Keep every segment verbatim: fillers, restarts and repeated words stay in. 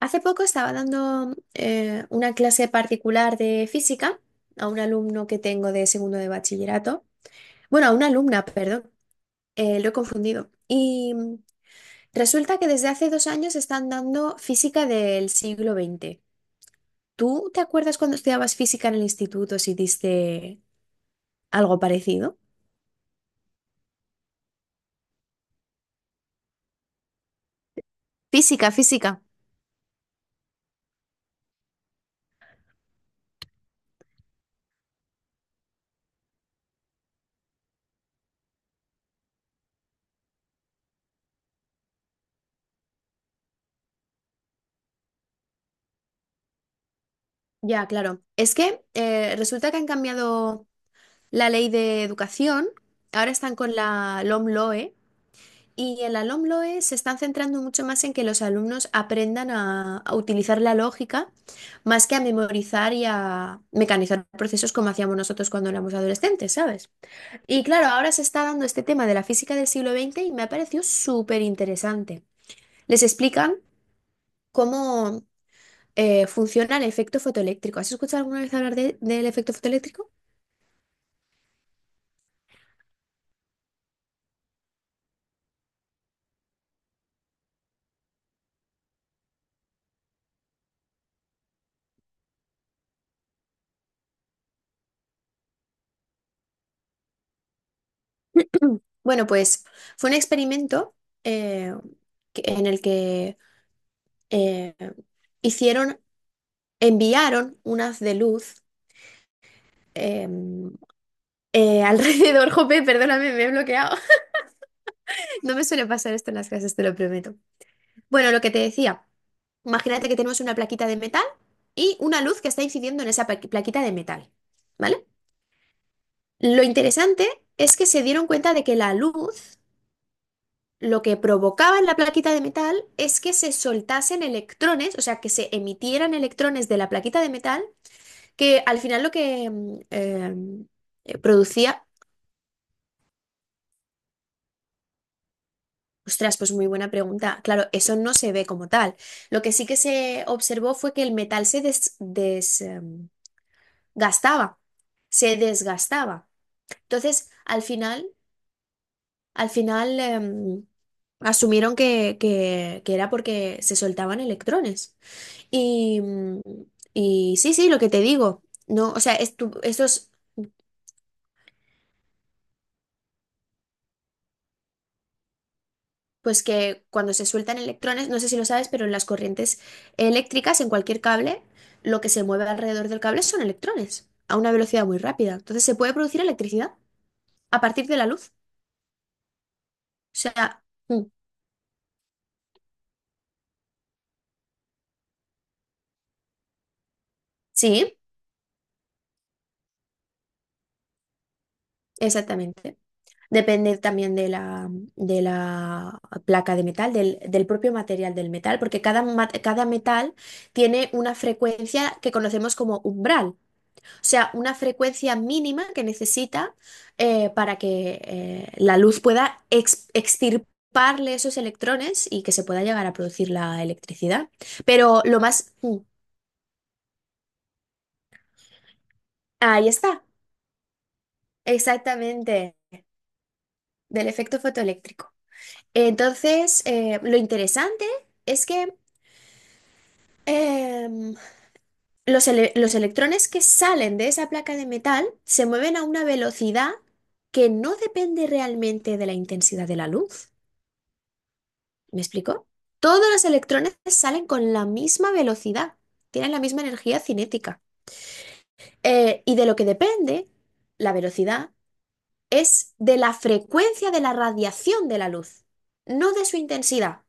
Hace poco estaba dando eh, una clase particular de física a un alumno que tengo de segundo de bachillerato. Bueno, a una alumna, perdón, eh, lo he confundido. Y mm, resulta que desde hace dos años están dando física del siglo veinte. ¿Tú te acuerdas cuando estudiabas física en el instituto si diste algo parecido? Física, física. Ya, claro. Es que eh, resulta que han cambiado la ley de educación. Ahora están con la LOMLOE. Y en el Alomloe se están centrando mucho más en que los alumnos aprendan a, a utilizar la lógica más que a memorizar y a mecanizar procesos como hacíamos nosotros cuando éramos adolescentes, ¿sabes? Y claro, ahora se está dando este tema de la física del siglo veinte y me ha parecido súper interesante. Les explican cómo eh, funciona el efecto fotoeléctrico. ¿Has escuchado alguna vez hablar de- del efecto fotoeléctrico? Bueno, pues fue un experimento eh, que- en el que... eh, hicieron enviaron unas de luz em, eh, alrededor. Jope, perdóname, me he bloqueado. No me suele pasar esto en las clases, te lo prometo. Bueno, lo que te decía, imagínate que tenemos una plaquita de metal y una luz que está incidiendo en esa pla- plaquita de metal, ¿vale? Lo interesante es que se dieron cuenta de que la luz lo que provocaba en la plaquita de metal es que se soltasen electrones, o sea, que se emitieran electrones de la plaquita de metal, que al final lo que mm, em, eh, producía. Ostras, pues muy buena pregunta. Claro, eso no se ve como tal. Lo que sí que se observó fue que el metal se des- desgastaba, se desgastaba. Entonces, al final, al final em, asumieron que, que- que era porque se soltaban electrones. Y, mm, y sí, sí, lo que te digo. No, o sea, estu- estos pues que cuando se sueltan electrones, no sé si lo sabes, pero en las corrientes eléctricas, en cualquier cable, lo que se mueve alrededor del cable son electrones, a una velocidad muy rápida. Entonces se puede producir electricidad a partir de la luz. O sea, mm, sí, exactamente. Depende también de la, de la placa de metal, del, del propio material del metal, porque cada, ma- cada metal tiene una frecuencia que conocemos como umbral. O sea, una frecuencia mínima que necesita eh, para que eh, la luz pueda ex- extirparle esos electrones y que se pueda llegar a producir la electricidad. Pero lo más... mm, ahí está, exactamente, del efecto fotoeléctrico. Entonces, eh, lo interesante es que em, los, ele- los electrones que salen de esa placa de metal se mueven a una velocidad que no depende realmente de la intensidad de la luz. ¿Me explico? Todos los electrones salen con la misma velocidad, tienen la misma energía cinética. Eh, y de lo que depende la velocidad es de la frecuencia de la radiación de la luz, no de su intensidad.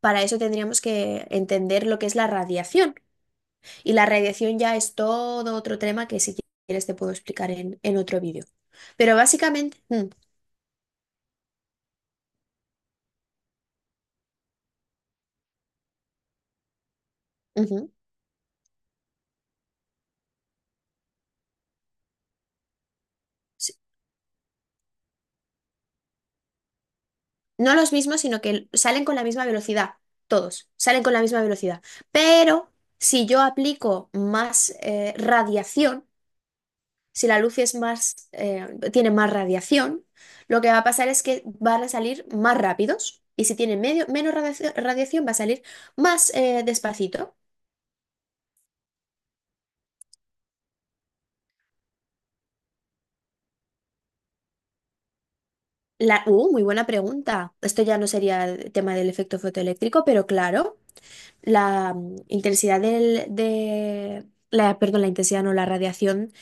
Para eso tendríamos que entender lo que es la radiación. Y la radiación ya es todo otro tema que si quieres te puedo explicar en, en otro vídeo. Pero básicamente... mm, ujú. Sí. No los mismos, sino que salen con la misma velocidad, todos, salen con la misma velocidad. Pero si yo aplico más eh, radiación, si la luz es más, eh, tiene más radiación, lo que va a pasar es que van a salir más rápidos. Y si tiene medio, menos radiación, radiación, va a salir más eh, despacito. La, uh, muy buena pregunta. Esto ya no sería el tema del efecto fotoeléctrico, pero claro, la mm, intensidad del, de, la, perdón, la intensidad no, la radiación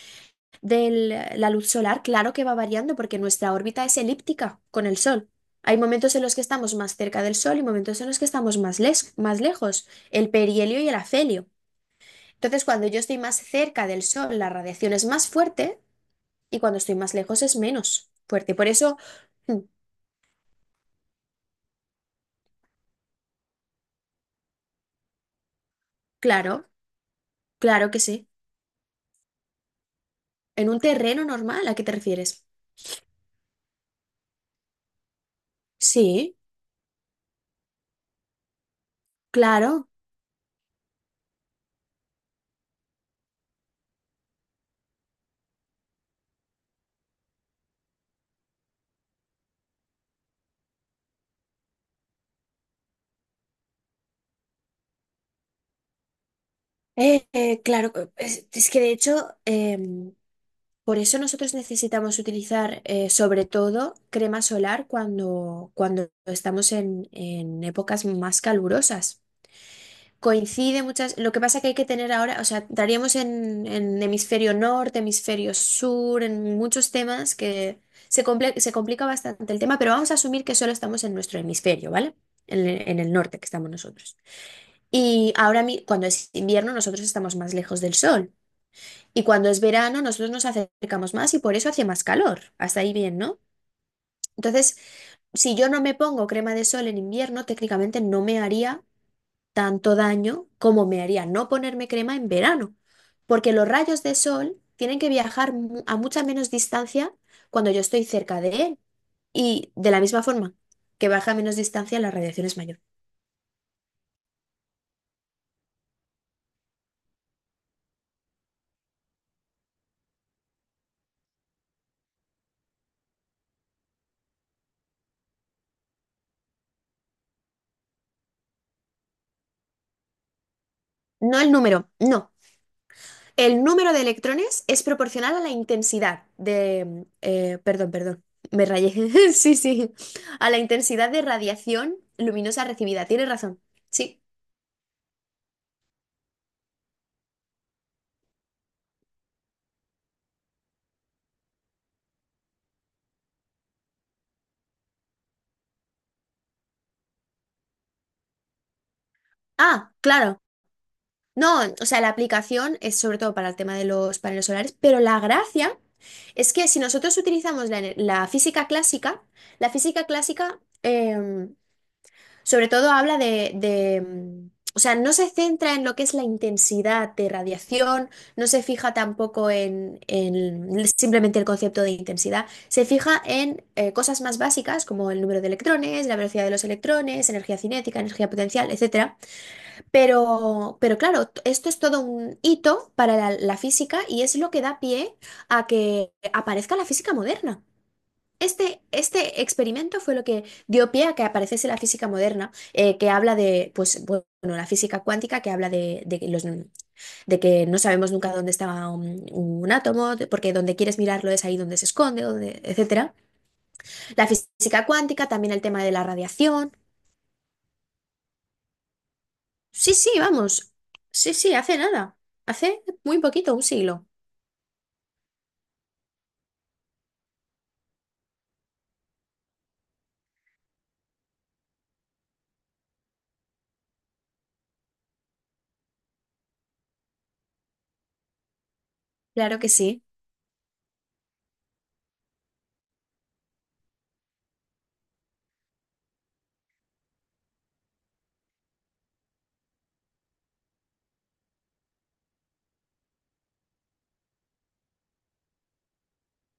de la luz solar, claro que va variando porque nuestra órbita es elíptica con el Sol. Hay momentos en los que estamos más cerca del Sol y momentos en los que estamos más, les- más lejos, el perihelio y el afelio. Entonces, cuando yo estoy más cerca del Sol, la radiación es más fuerte y cuando estoy más lejos es menos fuerte. Por eso, mm, claro, claro que sí. En un terreno normal, ¿a qué te refieres? Sí, claro. Eh, eh, claro, es, es que de hecho, em, por eso nosotros necesitamos utilizar eh, sobre todo crema solar cuando, cuando estamos en, en épocas más calurosas. Coincide muchas, lo que pasa que hay que tener ahora, o sea, estaríamos en, en hemisferio norte, hemisferio sur, en muchos temas que se, comple- se complica bastante el tema, pero vamos a asumir que solo estamos en nuestro hemisferio, ¿vale? En el, en el norte que estamos nosotros. Y ahora mi- cuando es invierno nosotros estamos más lejos del sol. Y cuando es verano, nosotros nos acercamos más y por eso hace más calor. Hasta ahí bien, ¿no? Entonces, si yo no me pongo crema de sol en invierno, técnicamente no me haría tanto daño como me haría no ponerme crema en verano, porque los rayos de sol tienen que viajar mu- a mucha menos distancia cuando yo estoy cerca de él. Y de la misma forma que baja a menos distancia, la radiación es mayor. No el número, no. El número de electrones es proporcional a la intensidad de... eh, perdón, perdón, me rayé. Sí, sí. A la intensidad de radiación luminosa recibida. Tienes razón. Sí. Ah, claro. No, o sea, la aplicación es sobre todo para el tema de los paneles solares, pero la gracia es que si nosotros utilizamos la, ener- la física clásica, la física clásica... em, sobre todo habla de, de, mm, o sea, no se centra en lo que es la intensidad de radiación, no se fija tampoco en, en simplemente el concepto de intensidad, se fija en eh, cosas más básicas como el número de electrones, la velocidad de los electrones, energía cinética, energía potencial, etcétera. Pero, pero claro, t- esto es todo un hito para la la física y es lo que da pie a que aparezca la física moderna. Este, este experimento fue lo que dio pie a que apareciese la física moderna, eh, que habla de, pues, bueno, la física cuántica, que habla de, de que los, de que no sabemos nunca dónde está un, un átomo, de- porque donde quieres mirarlo es ahí donde se esconde, donde, etcétera. La física cuántica, también el tema de la radiación. Sí, sí, vamos. Sí, sí, hace nada. Hace muy poquito, un siglo. Claro que sí.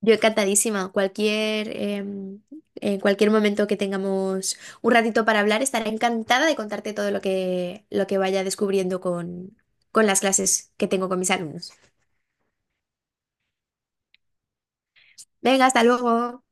Yo encantadísima. Cualquier, em, en cualquier momento que tengamos un ratito para hablar, estaré encantada de contarte todo lo que, lo que vaya descubriendo con, con las clases que tengo con mis alumnos. Venga, hasta luego.